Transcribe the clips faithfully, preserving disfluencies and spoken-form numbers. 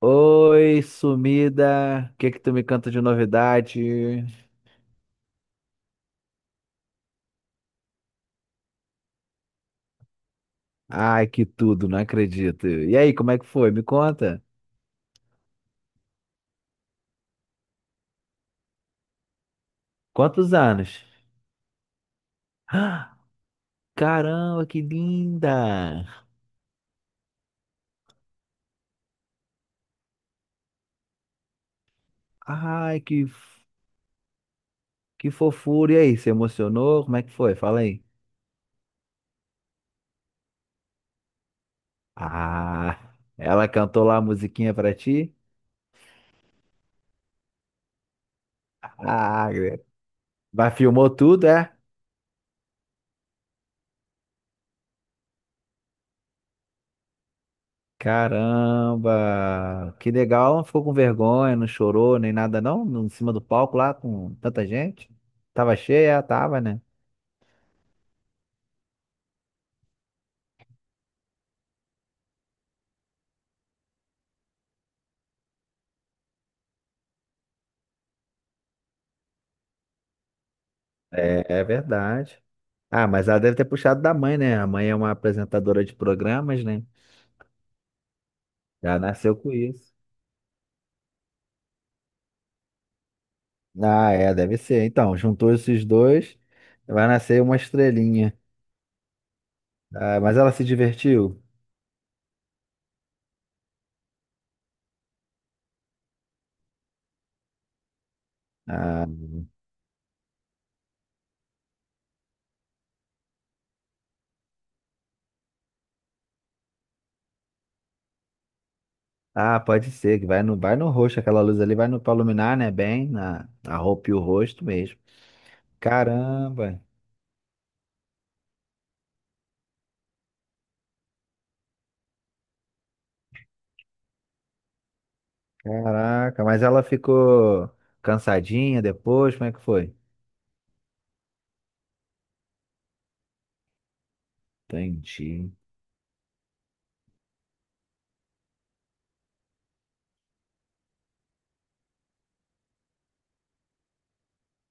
Oi, sumida. O que é que tu me canta de novidade? Ai, que tudo, não acredito. E aí, como é que foi? Me conta. Quantos anos? Ah, caramba, que linda. Ai, que f- que fofura. E aí, se emocionou? Como é que foi? Fala aí. Ah, ela cantou lá a musiquinha pra ti? Ah, vai filmou tudo, é? Caramba! Que legal, ela não ficou com vergonha, não chorou nem nada não, no- em cima do palco lá com tanta gente. Tava cheia, tava, né? É, é verdade. Ah, mas ela deve ter puxado da mãe, né? A mãe é uma apresentadora de programas, né? Já nasceu com isso. Ah, é, deve ser. Então, juntou esses dois, vai nascer uma estrelinha. Ah, mas ela se divertiu? Ah, ah, pode ser, que vai no, vai no rosto, aquela luz ali vai no, pra iluminar, né? Bem, na, a roupa e o rosto mesmo. Caramba, caraca, mas ela ficou cansadinha depois, como é que foi? Entendi.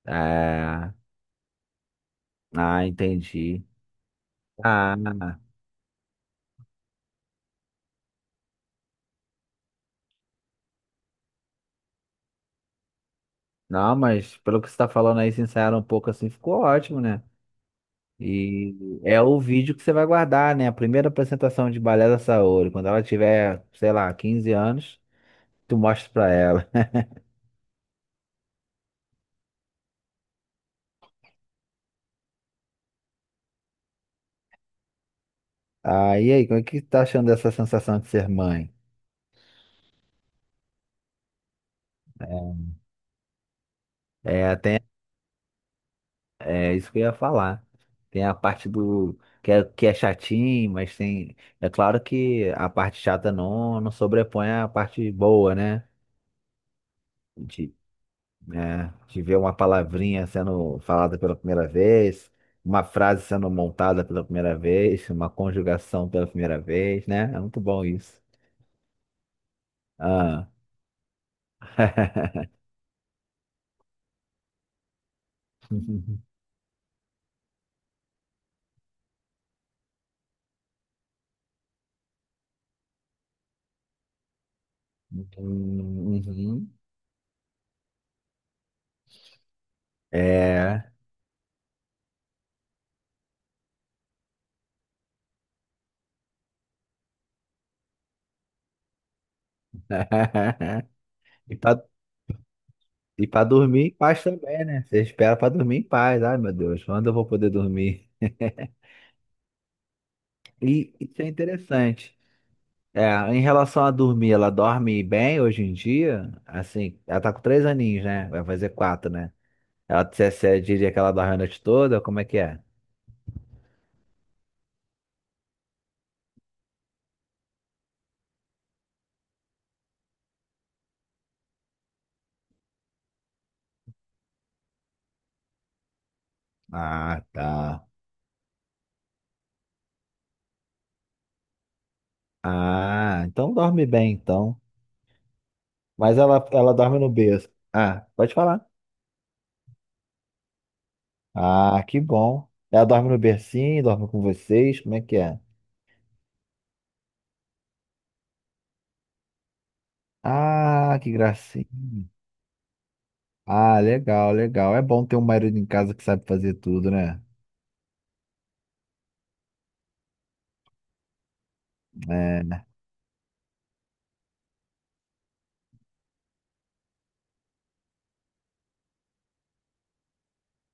Ah, ah, entendi. Ah, não, mas pelo que você tá falando aí, se ensaiaram um pouco assim, ficou ótimo, né? E é o vídeo que você vai guardar, né? A primeira apresentação de balé da Saori, quando ela tiver, sei lá, quinze anos, tu mostra pra ela. Ah, e aí, como é que tá achando dessa sensação de ser mãe? É, tem É isso que eu ia falar. Tem a parte do que é, que é chatinho, mas tem. É claro que a parte chata não, não sobrepõe a parte boa, né? De, né, de ver uma palavrinha sendo falada pela primeira vez, uma frase sendo montada pela primeira vez, uma conjugação pela primeira vez, né? É muito bom isso. Ah. Uhum. É. E para E pra dormir em paz também, né? Você espera pra dormir em paz. Ai, meu Deus, quando eu vou poder dormir? E isso é interessante. É, em relação a dormir, ela dorme bem hoje em dia? Assim, ela tá com três aninhos, né? Vai fazer quatro, né? Ela você, você diria que ela dorme a noite toda? Como é que é? Ah, tá. Ah, então dorme bem, então. Mas ela, ela dorme no berço. Ah, pode falar. Ah, que bom. Ela dorme no bercinho, dorme com vocês, como é que é? Ah, que gracinha. Ah, legal, legal. É bom ter um marido em casa que sabe fazer tudo, né? É,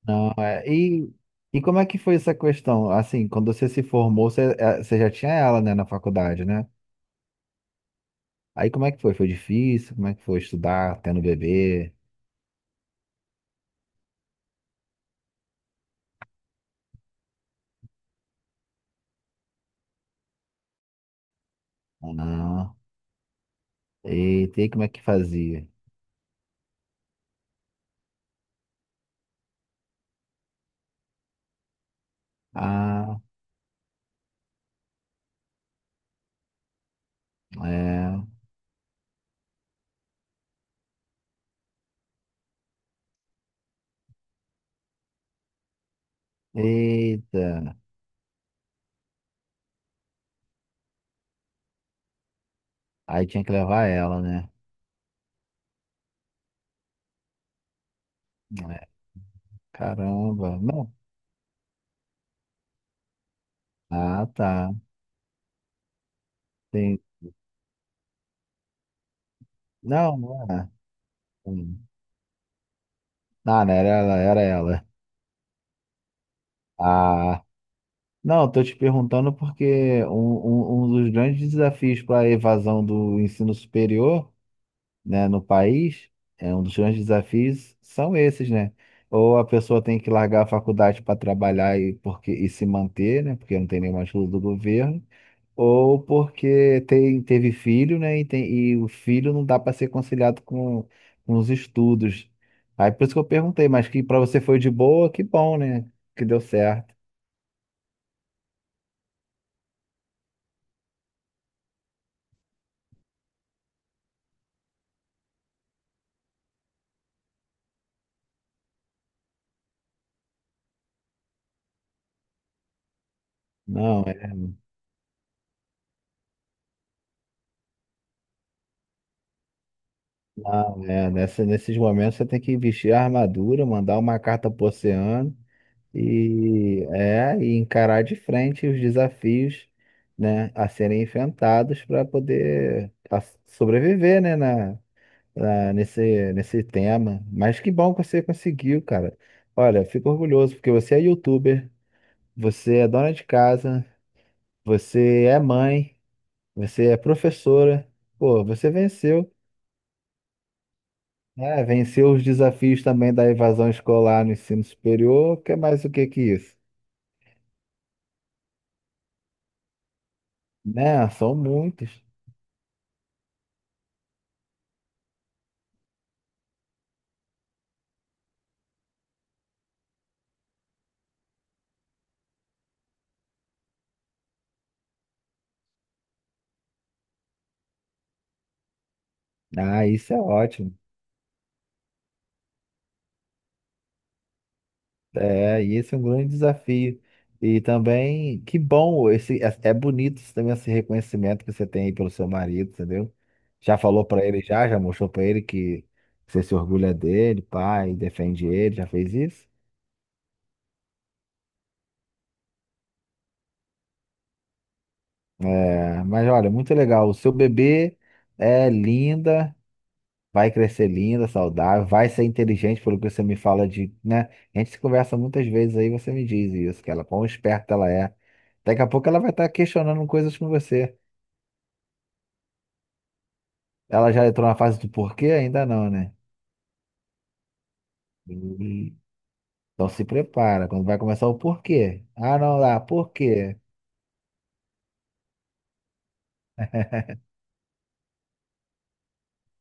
não, é. E, e como é que foi essa questão? Assim, quando você se formou, você, eh, você já tinha ela, né, na faculdade, né? Aí como é que foi? Foi difícil? Como é que foi estudar, tendo bebê? Ou não? Eita, e como é que fazia? Ah, é. Eita. Aí tinha que levar ela, né? É, caramba. Não. Ah, tá. Tem... Não, não é, assim. Ah, não, era ela, era ela. Ah. Não, estou te perguntando porque um, um- um dos grandes desafios para a evasão do ensino superior, né, no país, é um dos grandes desafios são esses, né? Ou a pessoa tem que largar a faculdade para trabalhar e, porque, e se manter, né? Porque não tem nenhuma ajuda do governo, ou porque tem, teve filho, né? E, tem, e o filho não dá para ser conciliado com, com os estudos. Aí por isso que eu perguntei, mas que para você foi de boa, que bom, né? Que deu certo. Não. é Ah, é, nessa- nesses momentos você tem que vestir a armadura, mandar uma carta pro oceano e, é, e encarar de frente os desafios, né, a serem enfrentados para poder a- sobreviver, né, na, na- nesse, nesse tema. Mas que bom que você conseguiu, cara. Olha, fico orgulhoso porque você é youtuber, você é dona de casa, você é mãe, você é professora. Pô, você venceu. É, venceu os desafios também da evasão escolar no ensino superior, que é mais o que que isso? Né? São muitos. Ah, isso é ótimo. É, e esse é um grande desafio. E também, que bom, esse, é, é bonito esse- também esse reconhecimento que você tem aí pelo seu marido, entendeu? Já falou pra ele já, já mostrou pra ele que você se orgulha dele, pai, defende ele, já fez isso? É, mas olha, muito legal. O seu bebê é linda. Vai crescer linda, saudável, vai ser inteligente, pelo que você me fala de, né? A gente se conversa muitas vezes aí, você me diz isso, que ela, quão esperta ela é. Daqui a pouco ela vai estar questionando coisas com você. Ela já entrou na fase do porquê? Ainda não, né? Hum. Então se prepara, quando vai começar o porquê. Ah, não, lá, por quê?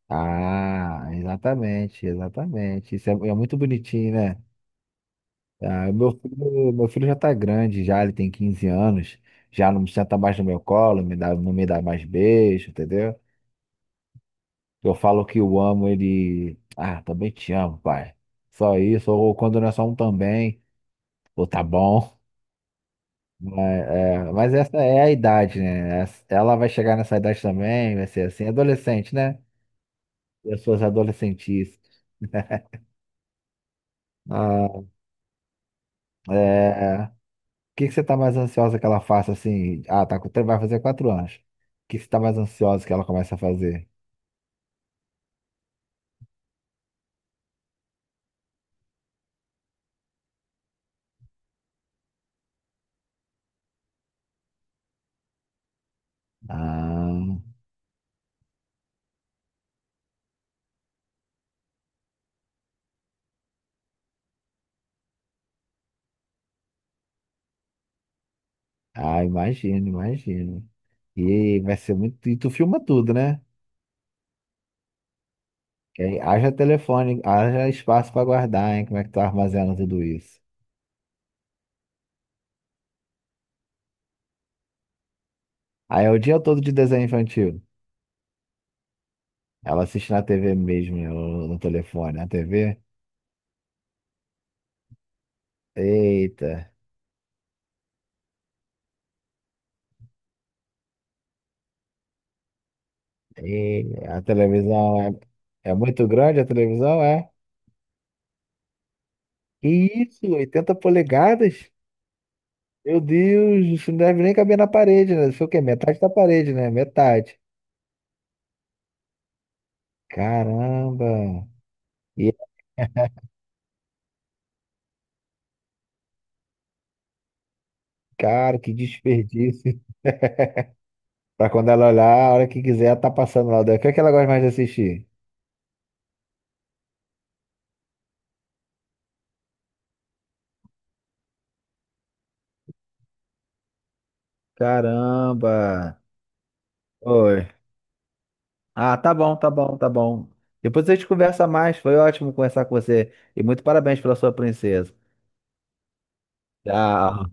Ah, exatamente, exatamente. Isso é, é muito bonitinho, né? Ah, meu filho, meu filho já tá grande, já ele tem quinze anos, já não senta mais no meu colo, me dá, não me dá mais beijo, entendeu? Eu falo que eu amo ele, ah, também te amo, pai. Só isso, ou quando não é só um também, ou tá bom. Mas, é, mas essa é a idade, né? Essa- Ela vai chegar nessa idade também, vai ser assim, adolescente, né? Pessoas adolescentes. Ah, é. que que você tá mais ansiosa que ela faça assim? Ah, tá, com- vai fazer quatro anos. O que que você tá mais ansiosa que ela comece a fazer? Ah, ah, imagino, imagino. E vai ser muito. E tu filma tudo, né? E aí, haja telefone, haja espaço pra guardar, hein? Como é que tu armazena tudo isso? Aí é o dia todo de desenho infantil. Ela assiste na T V mesmo, né, no no telefone, na T V. Eita. E a televisão é, é muito grande, a televisão é. Que isso, oitenta polegadas? Meu Deus, isso não deve nem caber na parede, né? Isso foi o quê? Metade da parede, né? Metade. Caramba! E, cara, que desperdício. Pra quando ela olhar, a hora que quiser, tá passando lá. O que é que ela gosta mais de assistir? Caramba! Oi. Ah, tá bom, tá bom, tá bom. Depois a gente conversa mais. Foi ótimo conversar com você. E muito parabéns pela sua princesa. Tchau.